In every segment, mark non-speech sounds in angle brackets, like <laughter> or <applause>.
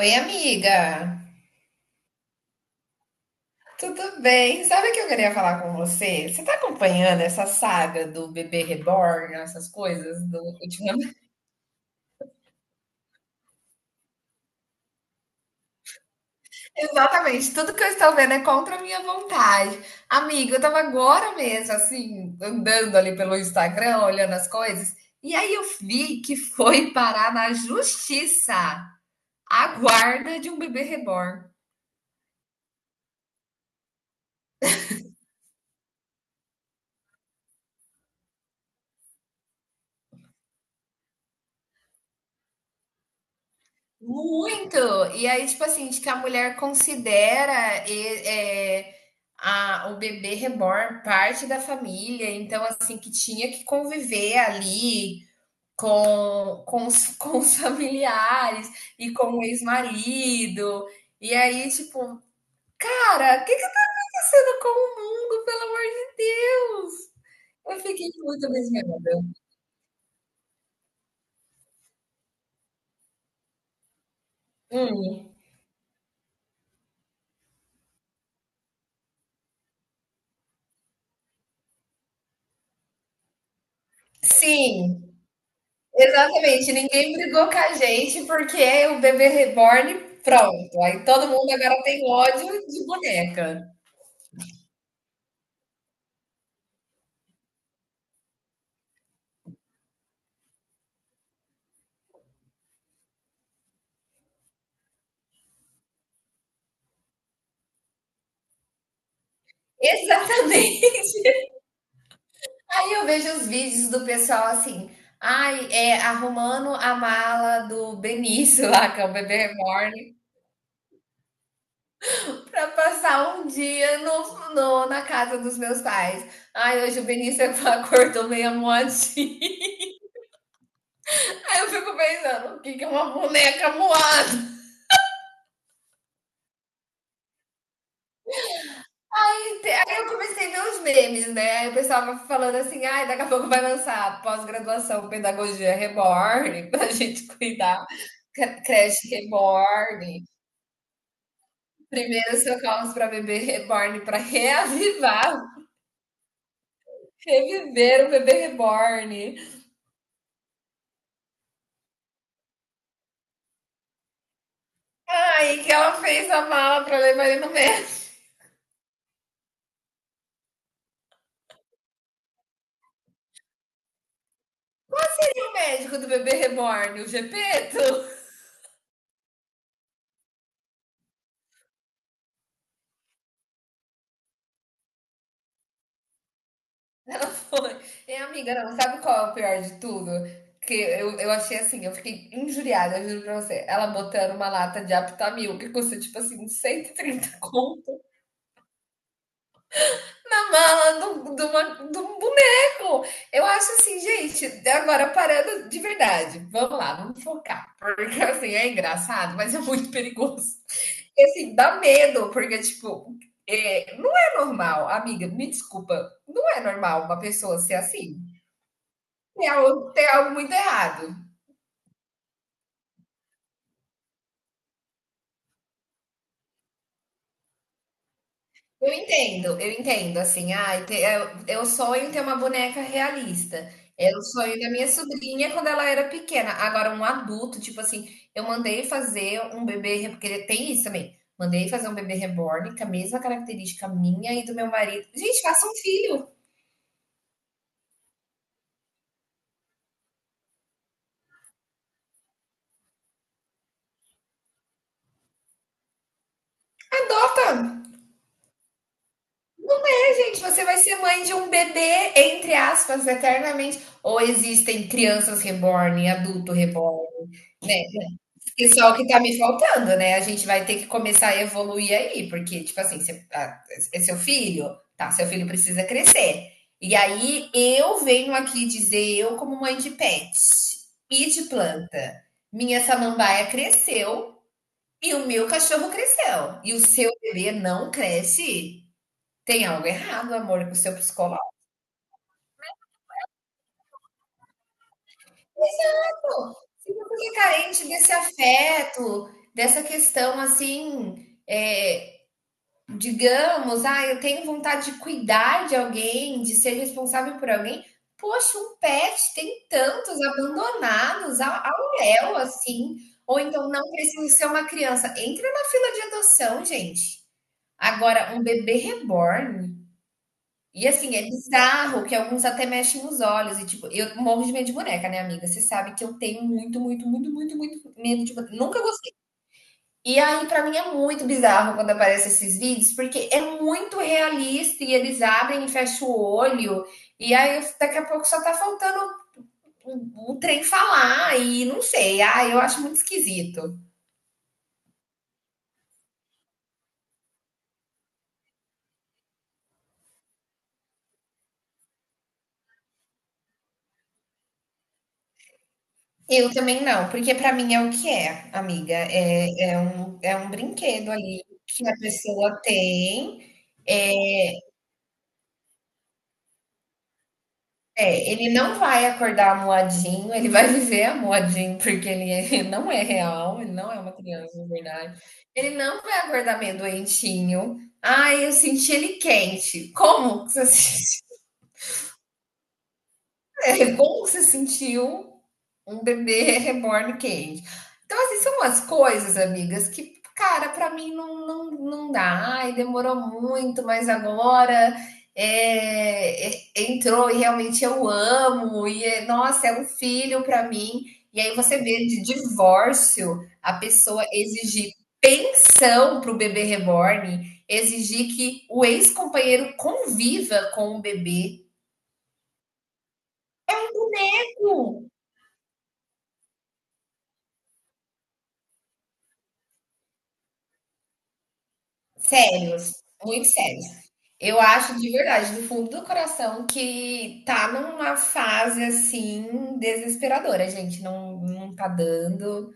Oi, amiga! Tudo bem? Sabe o que eu queria falar com você? Você tá acompanhando essa saga do bebê reborn, essas coisas do ultimamente? <laughs> Exatamente, tudo que eu estou vendo é contra a minha vontade. Amiga, eu tava agora mesmo, assim, andando ali pelo Instagram, olhando as coisas, e aí eu vi que foi parar na justiça a guarda de um bebê reborn. Muito! E aí, tipo assim, de que a mulher considera é, o bebê reborn parte da família, então, assim, que tinha que conviver ali com, <laughs> com os familiares e com o ex-marido. E aí, tipo, cara, o que que tá acontecendo com o mundo, pelo amor de Deus? Eu fiquei muito abismada. Hum, sim. Exatamente, ninguém brigou com a gente porque o bebê reborn, pronto. Aí todo mundo agora tem ódio de boneca. Exatamente. <laughs> Aí eu vejo os vídeos do pessoal assim, ai, é, arrumando a mala do Benício lá, que é o bebê reborn, pra passar um dia na casa dos meus pais. Ai, hoje o Benício <laughs> acordou meio moadinho. Aí eu fico pensando, o que que é uma boneca moada? Aí eu comecei a ver os memes, né? Aí o pessoal vai falando assim, ai, daqui a pouco vai lançar pós-graduação Pedagogia Reborn, <laughs> pra gente cuidar, creche Reborn, primeiros socorros para bebê Reborn, para reavivar, reviver o bebê Reborn. Ai, que ela fez a mala para levar ele no médico. Qual seria o médico do bebê Reborn? O Gepeto? Ela foi. E amiga, não, sabe qual é o pior de tudo? Que eu achei assim, eu fiquei injuriada, eu juro pra você. Ela botando uma lata de Aptamil, que custa tipo assim, 130 conto, na mala de um boneco. Eu acho assim, gente, agora parando de verdade. Vamos lá, vamos focar. Porque assim, é engraçado, mas é muito perigoso. E assim, dá medo, porque tipo, é, não é normal, amiga, me desculpa, não é normal uma pessoa ser assim. Tem algo muito errado. Eu entendo, assim, ai, eu sonho em ter uma boneca realista. Era o sonho da minha sobrinha quando ela era pequena. Agora, um adulto, tipo assim, eu mandei fazer um bebê, porque tem isso também. Mandei fazer um bebê reborn com a mesma característica minha e do meu marido. Gente, faça um filho. Adota. É, gente, você vai ser mãe de um bebê, entre aspas, eternamente. Ou existem crianças reborn, adulto reborn, né? Isso é o que tá me faltando, né, a gente vai ter que começar a evoluir aí, porque, tipo assim, você ah, é seu filho? Tá, seu filho precisa crescer. E aí eu venho aqui dizer, eu como mãe de pet e de planta, minha samambaia cresceu e o meu cachorro cresceu, e o seu bebê não cresce? Tem algo errado, amor, com o seu psicólogo. Se você é carente desse afeto, dessa questão, assim, digamos, ah, eu tenho vontade de cuidar de alguém, de ser responsável por alguém. Poxa, um pet tem tantos abandonados ao léu, assim. Ou então não precisa ser uma criança. Entra na fila de adoção, gente. Agora, um bebê reborn. E assim, é bizarro que alguns até mexem nos olhos. E tipo, eu morro de medo de boneca, né, amiga? Você sabe que eu tenho muito, muito, muito, muito, muito medo de boneca. Nunca e aí, pra mim, é muito bizarro quando aparecem esses vídeos, porque é muito realista e eles abrem e fecham o olho, e aí daqui a pouco só tá faltando o trem falar, e não sei, ah, eu acho muito esquisito. Eu também não, porque pra mim é o que é, amiga, é um brinquedo ali que a pessoa tem, é, É, ele não vai acordar moadinho, ele vai viver moadinho porque <laughs> não é real, ele não é uma criança de verdade. Ele não vai acordar meio doentinho. Ai, eu senti ele quente. Como que você <laughs> sentiu? É, como você sentiu um bebê reborn quente? Então, assim, são umas coisas, amigas, que, cara, pra mim não dá. Ai, demorou muito, mas agora é, é, entrou e realmente eu amo. E, é, nossa, é um filho pra mim. E aí você vê de divórcio a pessoa exigir pensão pro bebê reborn, exigir que o ex-companheiro conviva com o bebê. Sérios, muito sérios. Eu acho de verdade, do fundo do coração, que tá numa fase assim desesperadora, gente. Não tá dando,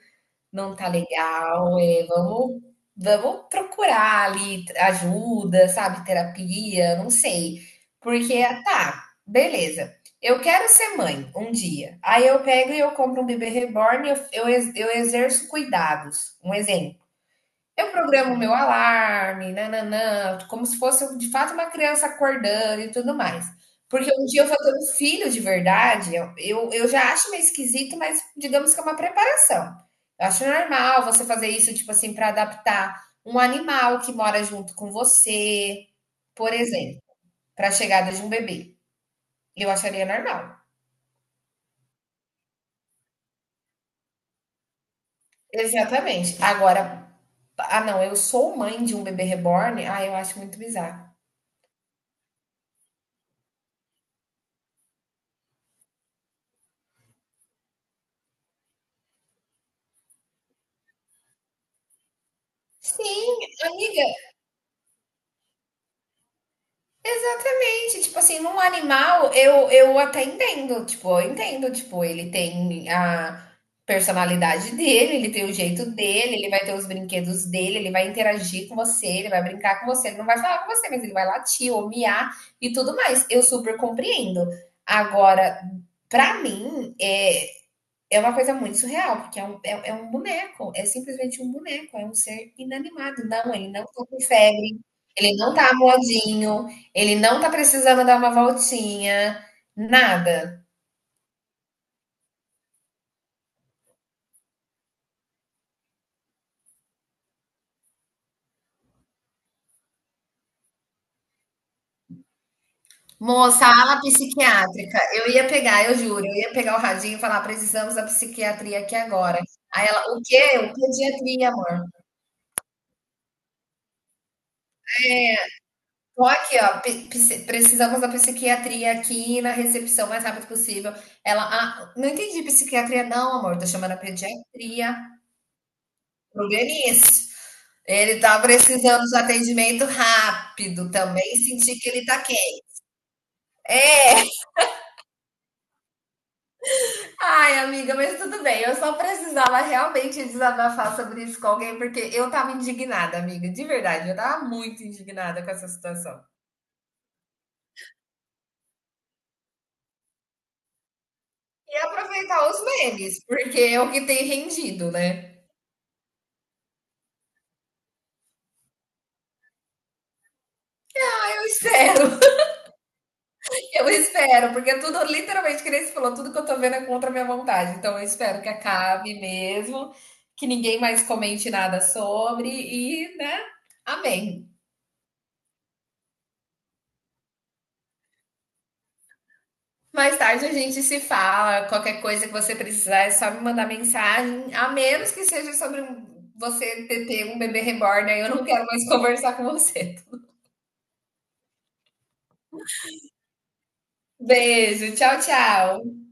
não tá legal. É, vamos, vamos procurar ali ajuda, sabe? Terapia, não sei. Porque tá, beleza. Eu quero ser mãe um dia. Aí eu pego e eu compro um bebê reborn e eu exerço cuidados. Um exemplo. Eu programo o meu alarme, nananã, como se fosse de fato uma criança acordando e tudo mais. Porque um dia eu vou ter um filho de verdade, eu já acho meio esquisito, mas digamos que é uma preparação. Eu acho normal você fazer isso, tipo assim, para adaptar um animal que mora junto com você, por exemplo, para a chegada de um bebê. Eu acharia normal. Exatamente. Agora, ah, não, eu sou mãe de um bebê reborn, ah, eu acho muito bizarro. Sim, amiga, Exatamente, tipo assim, num animal eu até entendo, tipo, eu entendo, tipo, ele tem a personalidade dele, ele tem o jeito dele, ele vai ter os brinquedos dele, ele vai interagir com você, ele vai brincar com você, ele não vai falar com você, mas ele vai latir ou miar e tudo mais. Eu super compreendo. Agora, pra mim, é uma coisa muito surreal, porque é um boneco, é simplesmente um boneco, é um ser inanimado. Não, ele não tá com febre, ele não tá amuadinho, ele não tá precisando dar uma voltinha, nada. Moça, a ala psiquiátrica, eu ia pegar, eu juro, eu ia pegar o radinho e falar: "Precisamos da psiquiatria aqui agora". Aí ela: "O quê? O pediatria, amor". Tô aqui, ó. Precisamos da psiquiatria aqui na recepção o mais rápido possível. Ela, ah, não entendi psiquiatria, não, amor. Tô chamando a pediatria. Problema é esse. Ele tá precisando de atendimento rápido também. Senti que ele tá quente. Ai, amiga, mas tudo bem. Eu só precisava realmente desabafar sobre isso com alguém, porque eu tava indignada, amiga. De verdade, eu tava muito indignada com essa situação. E aproveitar os memes, porque é o que tem rendido, né? Eu espero. Eu espero, porque tudo, literalmente, que nem você falou, tudo que eu tô vendo é contra a minha vontade. Então, eu espero que acabe mesmo, que ninguém mais comente nada sobre e, né? Amém. Mais tarde a gente se fala. Qualquer coisa que você precisar, é só me mandar mensagem, a menos que seja sobre um, você ter um bebê reborn. Aí eu não quero mais <laughs> conversar com você. Beijo, tchau, tchau.